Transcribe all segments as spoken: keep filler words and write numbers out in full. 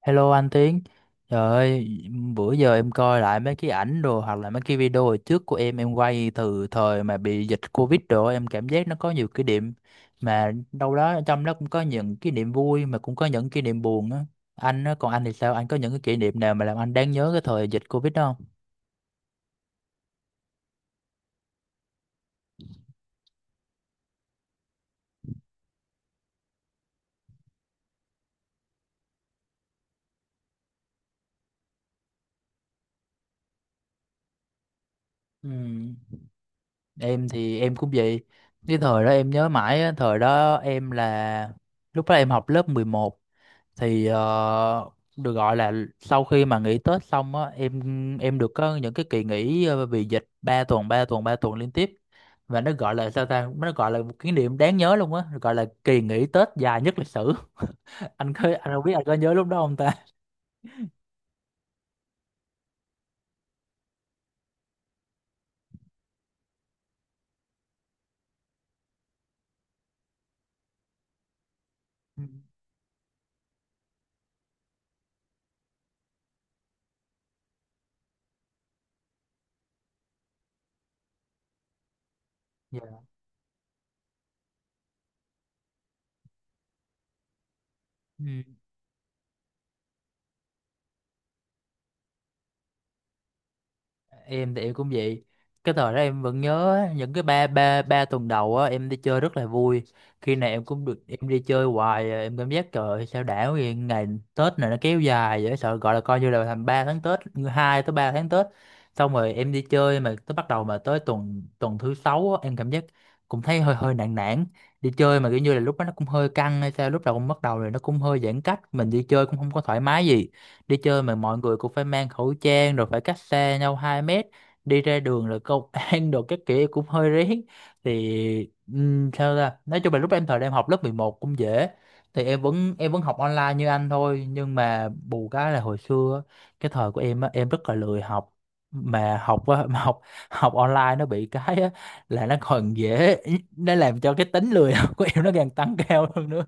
Hello anh Tiến, trời ơi, bữa giờ em coi lại mấy cái ảnh đồ hoặc là mấy cái video hồi trước của em em quay từ thời mà bị dịch Covid đồ em cảm giác nó có nhiều kỷ niệm, mà đâu đó trong đó cũng có những kỷ niệm vui mà cũng có những kỷ niệm buồn á. Anh á, còn anh thì sao? Anh có những cái kỷ niệm nào mà làm anh đáng nhớ cái thời dịch Covid đó không? Ừ. Em thì em cũng vậy. Cái thời đó em nhớ mãi á, thời đó em là lúc đó em học lớp mười một. Thì ờ, được gọi là sau khi mà nghỉ Tết xong á em em được có những cái kỳ nghỉ ờ, vì dịch ba tuần ba tuần ba tuần liên tiếp, và nó gọi là sao ta, nó gọi là một kỷ niệm đáng nhớ luôn á, gọi là kỳ nghỉ Tết dài nhất lịch sử. Anh có, anh không biết anh có nhớ lúc đó không ta. Ừ. Dạ. Ừ. Em thì em cũng vậy. Cái thời đó em vẫn nhớ á, những cái ba ba ba tuần đầu á em đi chơi rất là vui, khi nào em cũng được em đi chơi hoài à, em cảm giác trời ơi, sao đảo vậy, ngày Tết này nó kéo dài vậy sợ, gọi là coi như là thành ba tháng Tết, hai tới ba tháng Tết. Xong rồi em đi chơi mà tới bắt đầu mà tới tuần tuần thứ sáu á, em cảm giác cũng thấy hơi hơi nản nản, đi chơi mà kiểu như là lúc đó nó cũng hơi căng hay sao, lúc đầu cũng bắt đầu rồi nó cũng hơi giãn cách, mình đi chơi cũng không có thoải mái gì. Đi chơi mà mọi người cũng phải mang khẩu trang rồi phải cách xa nhau hai mét, đi ra đường rồi công an đồ các kiểu cũng hơi rén. Thì ừm, sao ta, nói chung là lúc em thời em học lớp mười một cũng dễ, thì em vẫn em vẫn học online như anh thôi, nhưng mà bù cái là hồi xưa á, cái thời của em á em rất là lười học. Mà học á- mà học, học online nó bị cái á, là nó còn dễ, nó làm cho cái tính lười học của em nó càng tăng cao hơn nữa.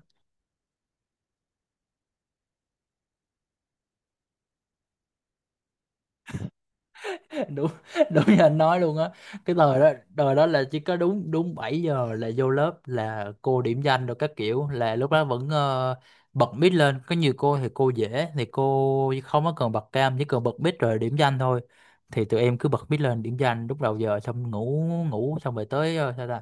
Đúng, đúng như anh nói luôn á. Cái thời đó, thời đó là chỉ có đúng, đúng bảy giờ là vô lớp là cô điểm danh rồi các kiểu, là lúc đó vẫn ờ, bật mic lên, có nhiều cô thì cô dễ thì cô không có cần bật cam, chỉ cần bật mic rồi điểm danh thôi. Thì tụi em cứ bật mic lên điểm danh lúc đầu giờ xong ngủ, ngủ xong rồi tới ờ, sao ta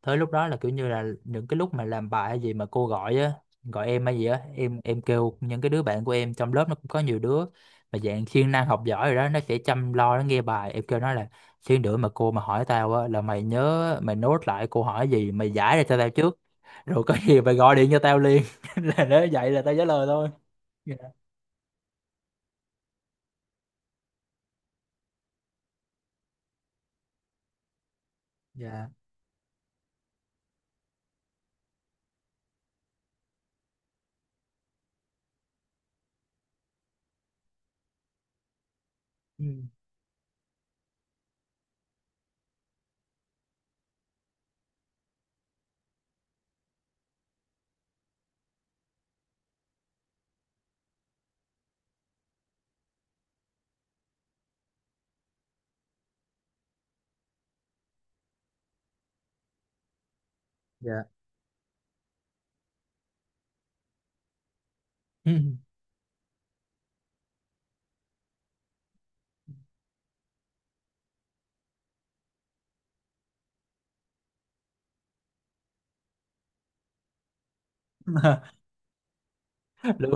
tới lúc đó là kiểu như là những cái lúc mà làm bài hay gì mà cô gọi á, gọi em hay gì á, em em kêu những cái đứa bạn của em trong lớp, nó cũng có nhiều đứa mà dạng siêng năng học giỏi rồi đó, nó sẽ chăm lo nó nghe bài, em kêu nó là xíu nữa mà cô mà hỏi tao á là mày nhớ mày nốt lại cô hỏi gì, mày giải ra cho tao trước, rồi có gì mày gọi điện cho tao liền là nếu vậy là tao trả lời thôi. Dạ. Dạ. Ừ. Dạ. Ừ. Đúng.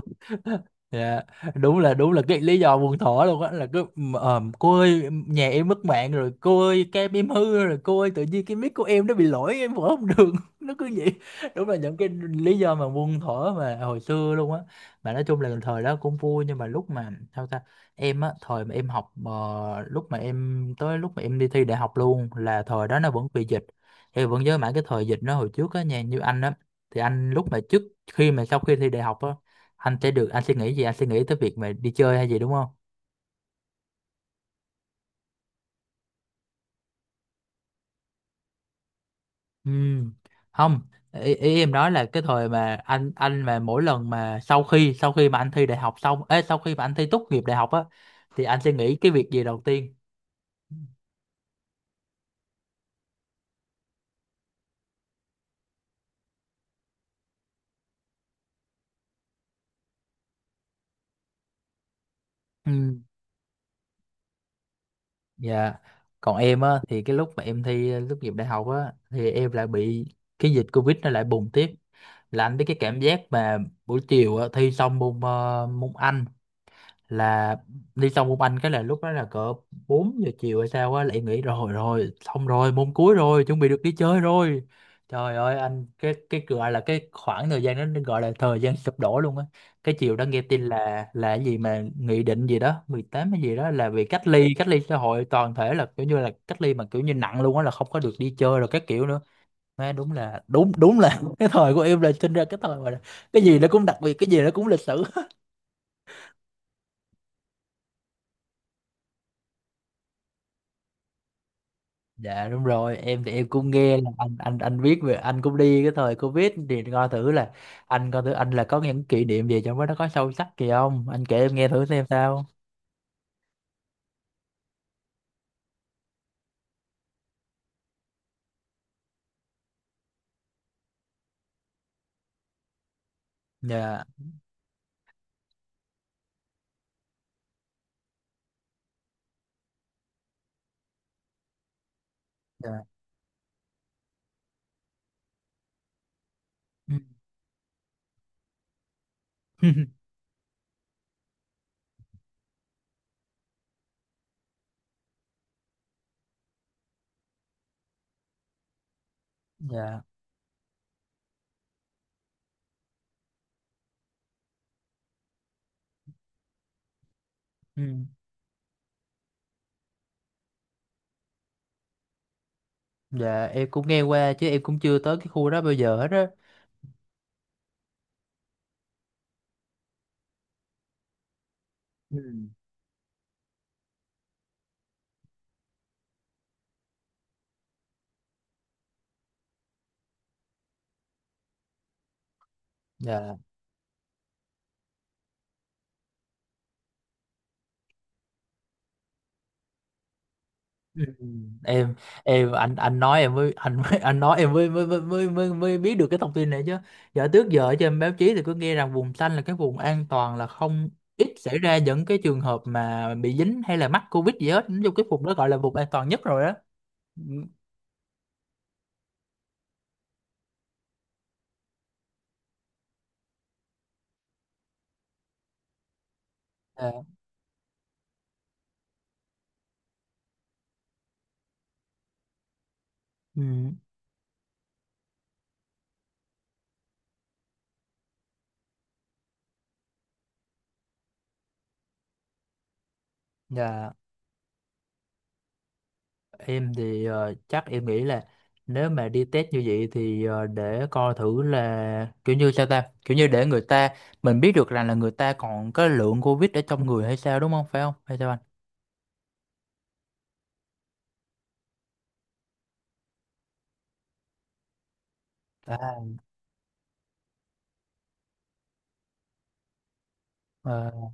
Dạ. Đúng là, đúng là cái lý do buồn thỏ luôn á là cứ ờ, cô ơi nhà em mất mạng rồi, cô ơi cam em hư rồi, cô ơi tự nhiên cái mic của em nó bị lỗi em mở không được, nó cứ vậy. Đúng là những cái lý do mà buồn thỏ mà hồi xưa luôn á. Mà nói chung là thời đó cũng vui, nhưng mà lúc mà sao ta, em á thời mà em học ờ, lúc mà em tới lúc mà em đi thi đại học luôn, là thời đó nó vẫn bị dịch. Em vẫn nhớ mãi cái thời dịch nó hồi trước á nha, như anh á, thì anh lúc mà trước khi mà sau khi thi đại học á, anh sẽ được, anh sẽ nghĩ gì, anh sẽ nghĩ tới việc mà đi chơi hay gì đúng không? Ừ. Không, ý, ý em nói là cái thời mà anh anh mà mỗi lần mà sau khi sau khi mà anh thi đại học xong ấy, sau khi mà anh thi tốt nghiệp đại học á, thì anh sẽ nghĩ cái việc gì đầu tiên. Ừ. Dạ. Còn em á thì cái lúc mà em thi ờ, tốt nghiệp đại học á thì em lại bị cái dịch covid nó lại bùng tiếp. Là anh biết cái cảm giác mà buổi chiều á, thi xong môn ờ, môn Anh là, đi xong môn Anh cái là lúc đó là cỡ bốn giờ chiều hay sao á, lại nghĩ rồi rồi xong rồi môn cuối rồi chuẩn bị được đi chơi rồi. Trời ơi anh, cái cái gọi là cái khoảng thời gian đó gọi là thời gian sụp đổ luôn á. Cái chiều đó nghe tin là là cái gì mà nghị định gì đó mười tám hay gì đó là bị cách ly, cách ly xã hội toàn thể, là kiểu như là cách ly mà kiểu như nặng luôn á, là không có được đi chơi rồi các kiểu nữa. Má, đúng là đúng, đúng là cái thời của em là sinh ra cái thời mà cái gì nó cũng đặc biệt, cái gì nó cũng lịch sử. Dạ đúng rồi, em thì em cũng nghe là anh anh anh biết về anh cũng đi cái thời Covid, thì coi thử là anh coi thử, anh là có những kỷ niệm gì trong đó nó có sâu sắc gì không? Anh kể em nghe thử xem sao. Dạ. Dạ. Ừ. Dạ. Ừ. Dạ em cũng nghe qua chứ em cũng chưa tới cái khu đó bao giờ hết á. Ừ. Dạ. Ừ. em em anh anh nói em mới anh mới anh nói em mới mới mới mới mới, mới biết được cái thông tin này chứ, giờ trước giờ ở trên báo chí thì cứ nghe rằng vùng xanh là cái vùng an toàn, là không ít xảy ra những cái trường hợp mà bị dính hay là mắc covid gì hết, nói chung cái vùng đó gọi là vùng an toàn nhất rồi đó. Ừ. Dạ. Ừ. Dạ. Em thì ờ, chắc em nghĩ là nếu mà đi test như vậy thì ờ, để coi thử là kiểu như sao ta, kiểu như để người ta, mình biết được rằng là người ta còn cái lượng Covid ở trong người hay sao đúng không, phải không hay sao anh. À, ờ,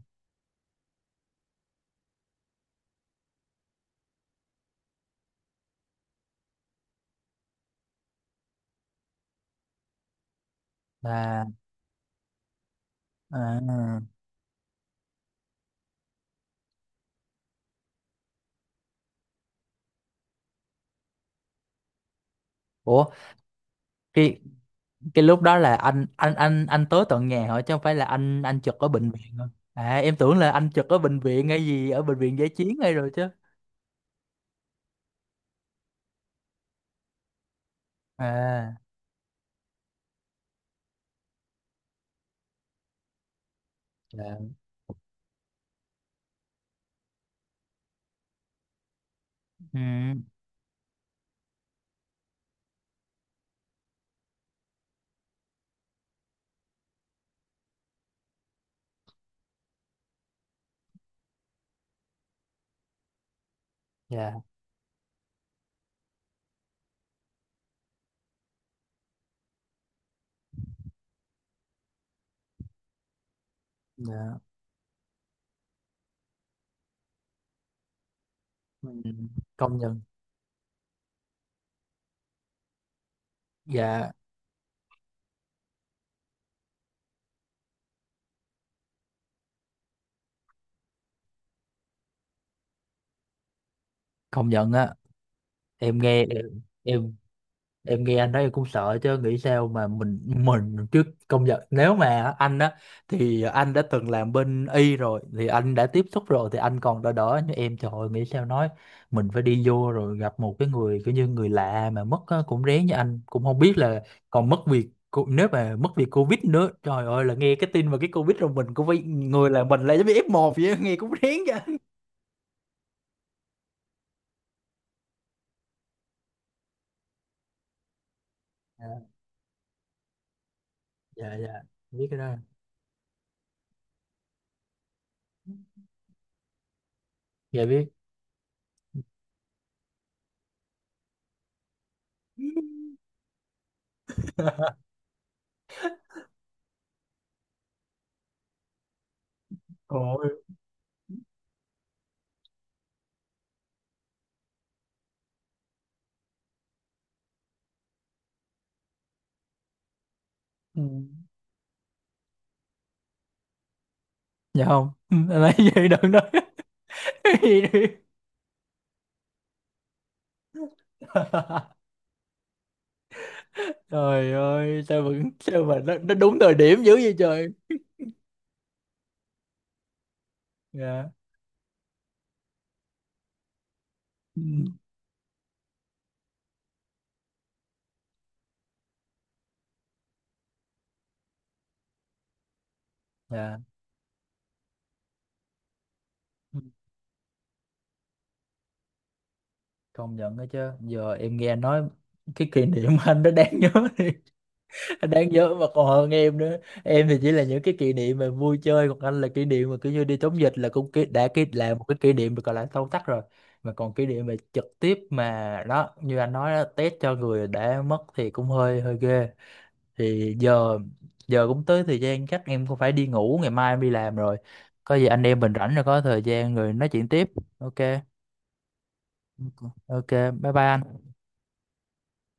là à, ủa cái cái lúc đó là anh anh anh anh tới tận nhà hỏi chứ không phải là anh anh trực ở bệnh viện hả? À em tưởng là anh trực ở bệnh viện hay gì, ở bệnh viện giải chiến hay rồi chứ. À. Dạ. Ừ. Dạ. Dạ. Ừ, công nhận. Dạ. Công nhận á. Em nghe em, em em nghe anh nói em cũng sợ chứ, nghĩ sao mà mình mình chứ công nhận, nếu mà anh á thì anh đã từng làm bên y rồi, thì anh đã tiếp xúc rồi thì anh còn đỡ, đỡ như em trời ơi, nghĩ sao nói mình phải đi vô rồi gặp một cái người kiểu như người lạ mà mất á, cũng rén như anh, cũng không biết là còn mất việc cô- nếu mà mất việc covid nữa trời ơi, là nghe cái tin mà cái covid rồi mình cũng phải người là mình lại giống như ép một vậy á, nghe cũng rén chứ. Dạ. Dạ. Dạ biết cái đó. Dạ biết. Ôi. Ừ. Dạ không. Ừ, lấy gì đừng nói. Cái gì đi. Trời ơi sao vẫn sao mà nó, nó đúng thời điểm dữ vậy trời. Dạ. Ừ. Dạ. Công nhận đó chứ. Giờ em nghe anh nói cái kỷ niệm anh nó đáng nhớ, đáng nhớ mà còn hơn em nữa. Em thì chỉ là những cái kỷ niệm mà vui chơi, còn anh là kỷ niệm mà kiểu như đi chống dịch là cũng kỷ- đã kỷ là một cái kỷ niệm được gọi là sâu sắc rồi, mà còn kỷ niệm mà trực tiếp mà đó như anh nói đó, test cho người đã mất thì cũng hơi hơi ghê. Thì giờ, giờ cũng tới thời gian chắc em cũng phải đi ngủ, ngày mai em đi làm rồi, có gì anh em mình rảnh rồi có thời gian rồi nói chuyện tiếp. Ok. Ok. Bye bye anh.